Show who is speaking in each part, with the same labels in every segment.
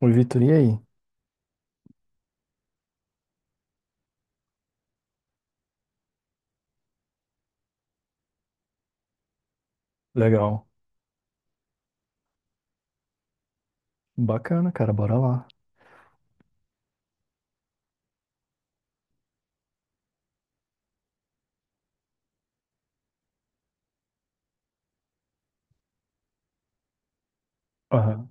Speaker 1: Oi, Vitor, e aí? Legal. Bacana, cara, bora lá. Aham.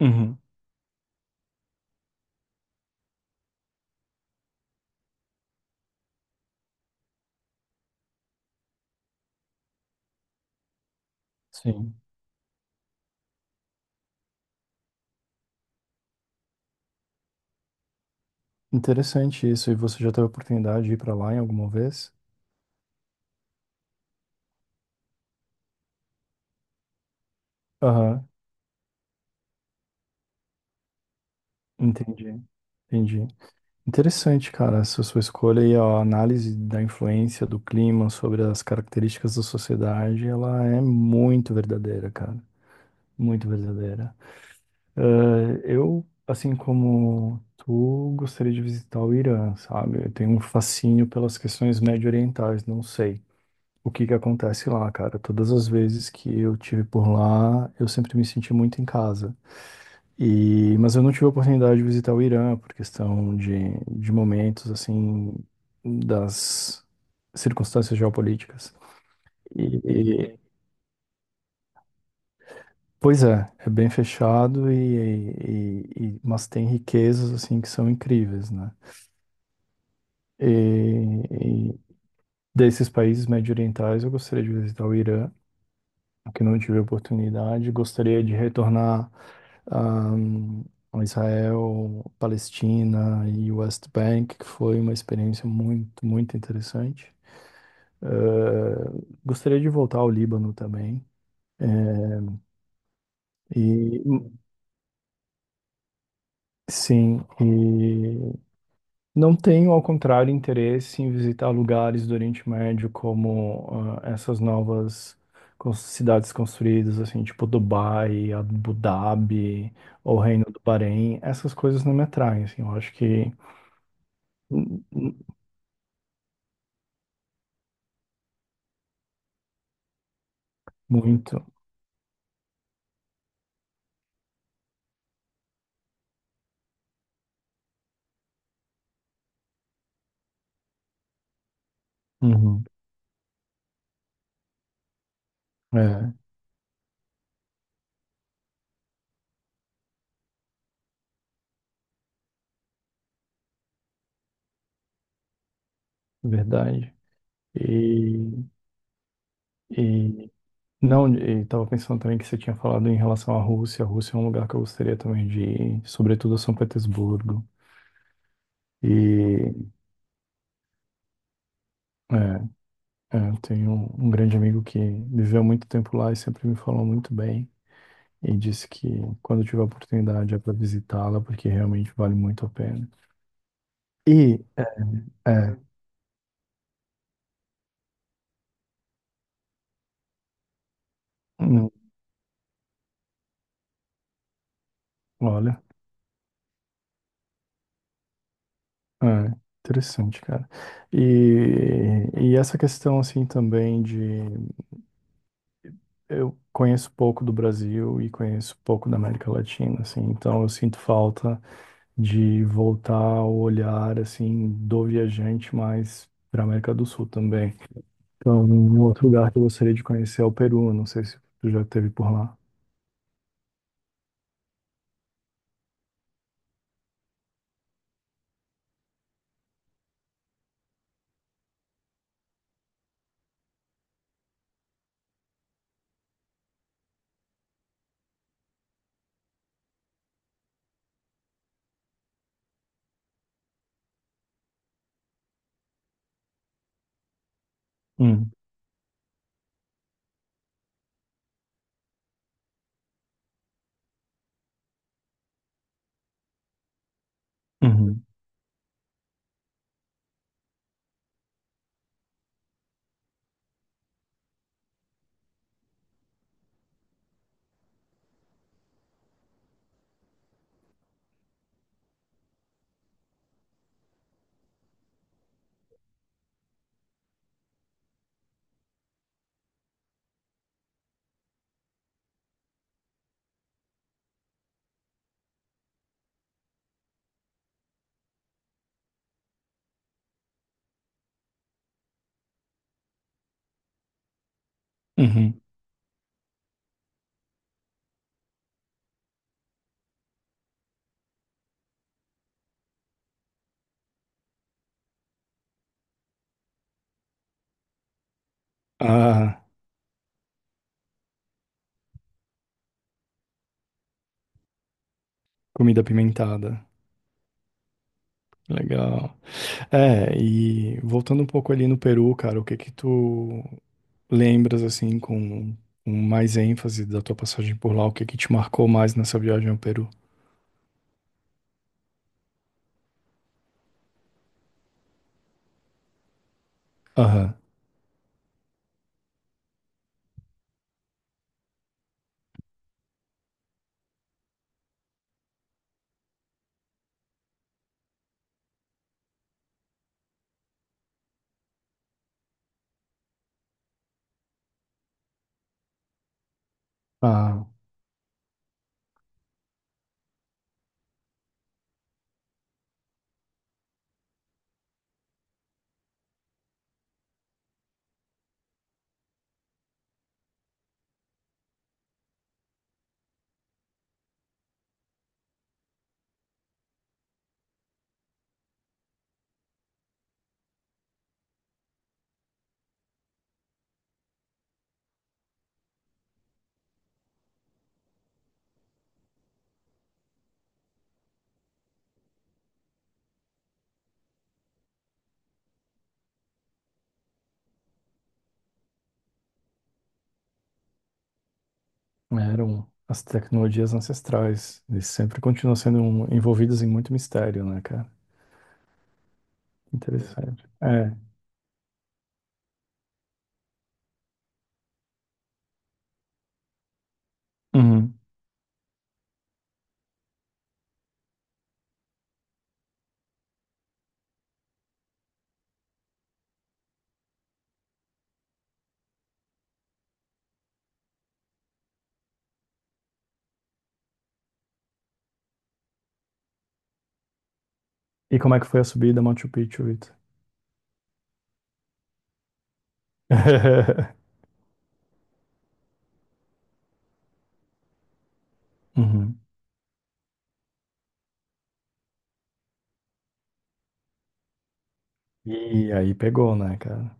Speaker 1: Uhum. Sim. Interessante isso. E você já teve a oportunidade de ir pra lá em alguma vez? Aham. Entendi. Entendi. Interessante, cara, essa sua escolha e a análise da influência do clima sobre as características da sociedade, ela é muito verdadeira, cara. Muito verdadeira. Eu, assim como tu, gostaria de visitar o Irã, sabe? Eu tenho um fascínio pelas questões médio-orientais, não sei. O que que acontece lá, cara? Todas as vezes que eu tive por lá, eu sempre me senti muito em casa. E, mas eu não tive a oportunidade de visitar o Irã por questão de momentos, assim, das circunstâncias geopolíticas. E, e- pois é, é bem fechado e, mas tem riquezas, assim, que são incríveis, né? E, e desses países médio-orientais, eu gostaria de visitar o Irã, que não tive oportunidade. Gostaria de retornar ahm, a Israel, Palestina e West Bank, que foi uma experiência muito, muito interessante. Eh, Gostaria de voltar ao Líbano também. eh, E sim, não tenho, ao contrário, interesse em visitar lugares do Oriente Médio como ah, essas novas cidades construídas, assim, tipo Dubai, Abu Dhabi ou Reino do Bahrein. Essas coisas não me atraem, assim, eu acho que hum, hum, muito. Uhum. É, verdade. E, e não, e estava pensando também que você tinha falado em relação à Rússia. A Rússia é um lugar que eu gostaria também de ir, sobretudo a São Petersburgo. E é, é, eu tenho um grande amigo que viveu muito tempo lá e sempre me falou muito bem e disse que quando tiver oportunidade é para visitá-la porque realmente vale muito a pena. E é, hum, olha, é, interessante, cara. E essa questão assim também de eu conheço pouco do Brasil e conheço pouco da América Latina, assim, então eu sinto falta de voltar o olhar assim do viajante mais para a América do Sul também. Então, um outro lugar que eu gostaria de conhecer é o Peru. Não sei se tu já esteve por lá. Hum, uhum, uhum. Ah, comida apimentada. Legal. É, e voltando um pouco ali no Peru, cara, o que que tu lembras, assim, com mais ênfase da tua passagem por lá? O que que te marcou mais nessa viagem ao Peru? Aham. Ah, eram as tecnologias ancestrais. Eles sempre continuam sendo envolvidos em muito mistério, né, cara? Interessante. É. Uhum. E como é que foi a subida a Machu Picchu, Vitor? Uhum. E aí pegou, né, cara?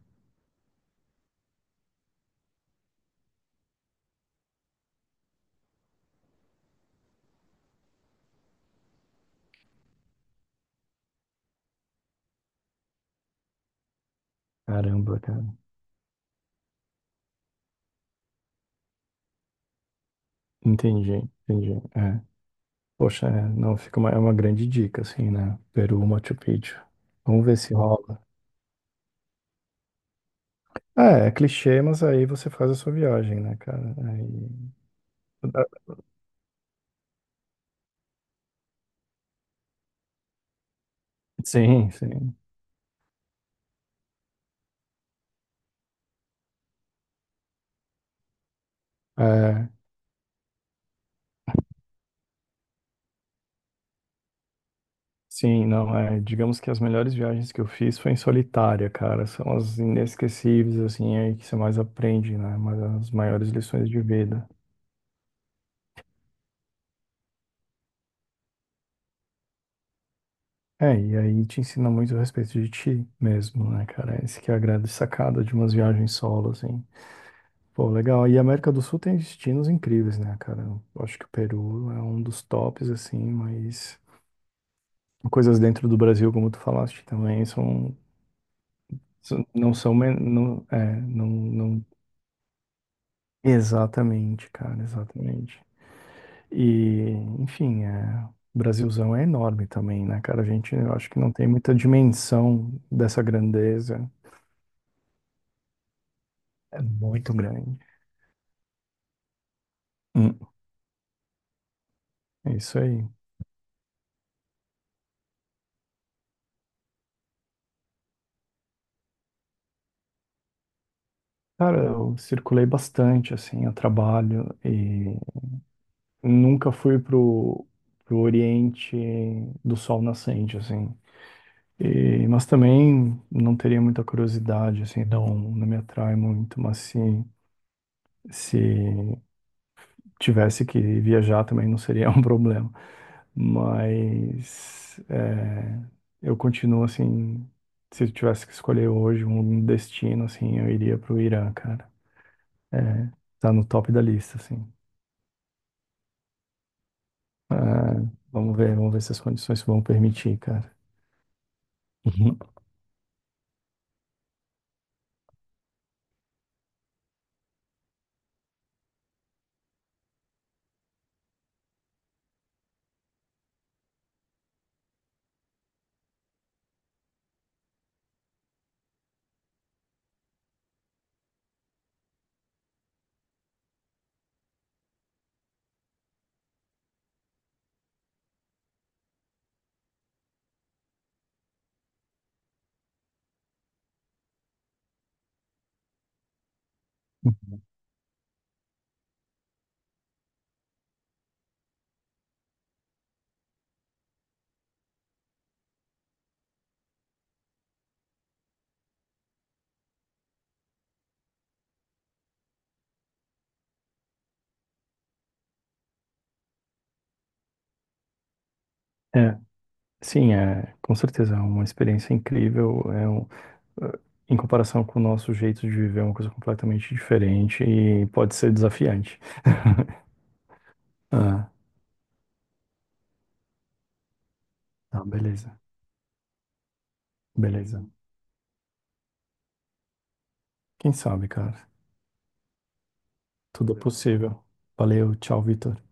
Speaker 1: Caramba, cara. Entendi, entendi. É. Poxa, é, não, fica uma, é uma grande dica, assim, né? Peru, Machu Picchu. Vamos ver se rola. É, é clichê, mas aí você faz a sua viagem, né, cara? Aí... Sim, sim. É, sim, não, é. Digamos que as melhores viagens que eu fiz foi em solitária, cara. São as inesquecíveis, assim, aí que você mais aprende, né? Mas as maiores lições de vida. É, e aí te ensina muito a respeito de ti mesmo, né, cara? Esse que é a grande sacada de umas viagens solo, assim. Pô, legal. E a América do Sul tem destinos incríveis, né, cara? Eu acho que o Peru é um dos tops, assim, mas coisas dentro do Brasil, como tu falaste também, são, não são, não, é, não, não, exatamente, cara, exatamente. E, enfim, é, o Brasilzão é enorme também, né, cara? A gente, eu acho que não tem muita dimensão dessa grandeza. É muito grande. Hum, é isso aí. Cara, eu circulei bastante, assim, a trabalho e nunca fui pro Oriente do Sol Nascente, assim. E, mas também não teria muita curiosidade, assim, não, não me atrai muito, mas se tivesse que viajar também não seria um problema. Mas é, eu continuo, assim, se eu tivesse que escolher hoje um destino, assim, eu iria pro Irã, cara. É, tá no top da lista, assim. Ah, vamos ver se as condições vão permitir, cara. Uhum. É, sim, é, com certeza, é uma experiência incrível, é um, eh, em comparação com o nosso jeito de viver, é uma coisa completamente diferente e pode ser desafiante. Ah, tá, beleza, beleza. Quem sabe, cara? Tudo é possível. Valeu, tchau, Vitor.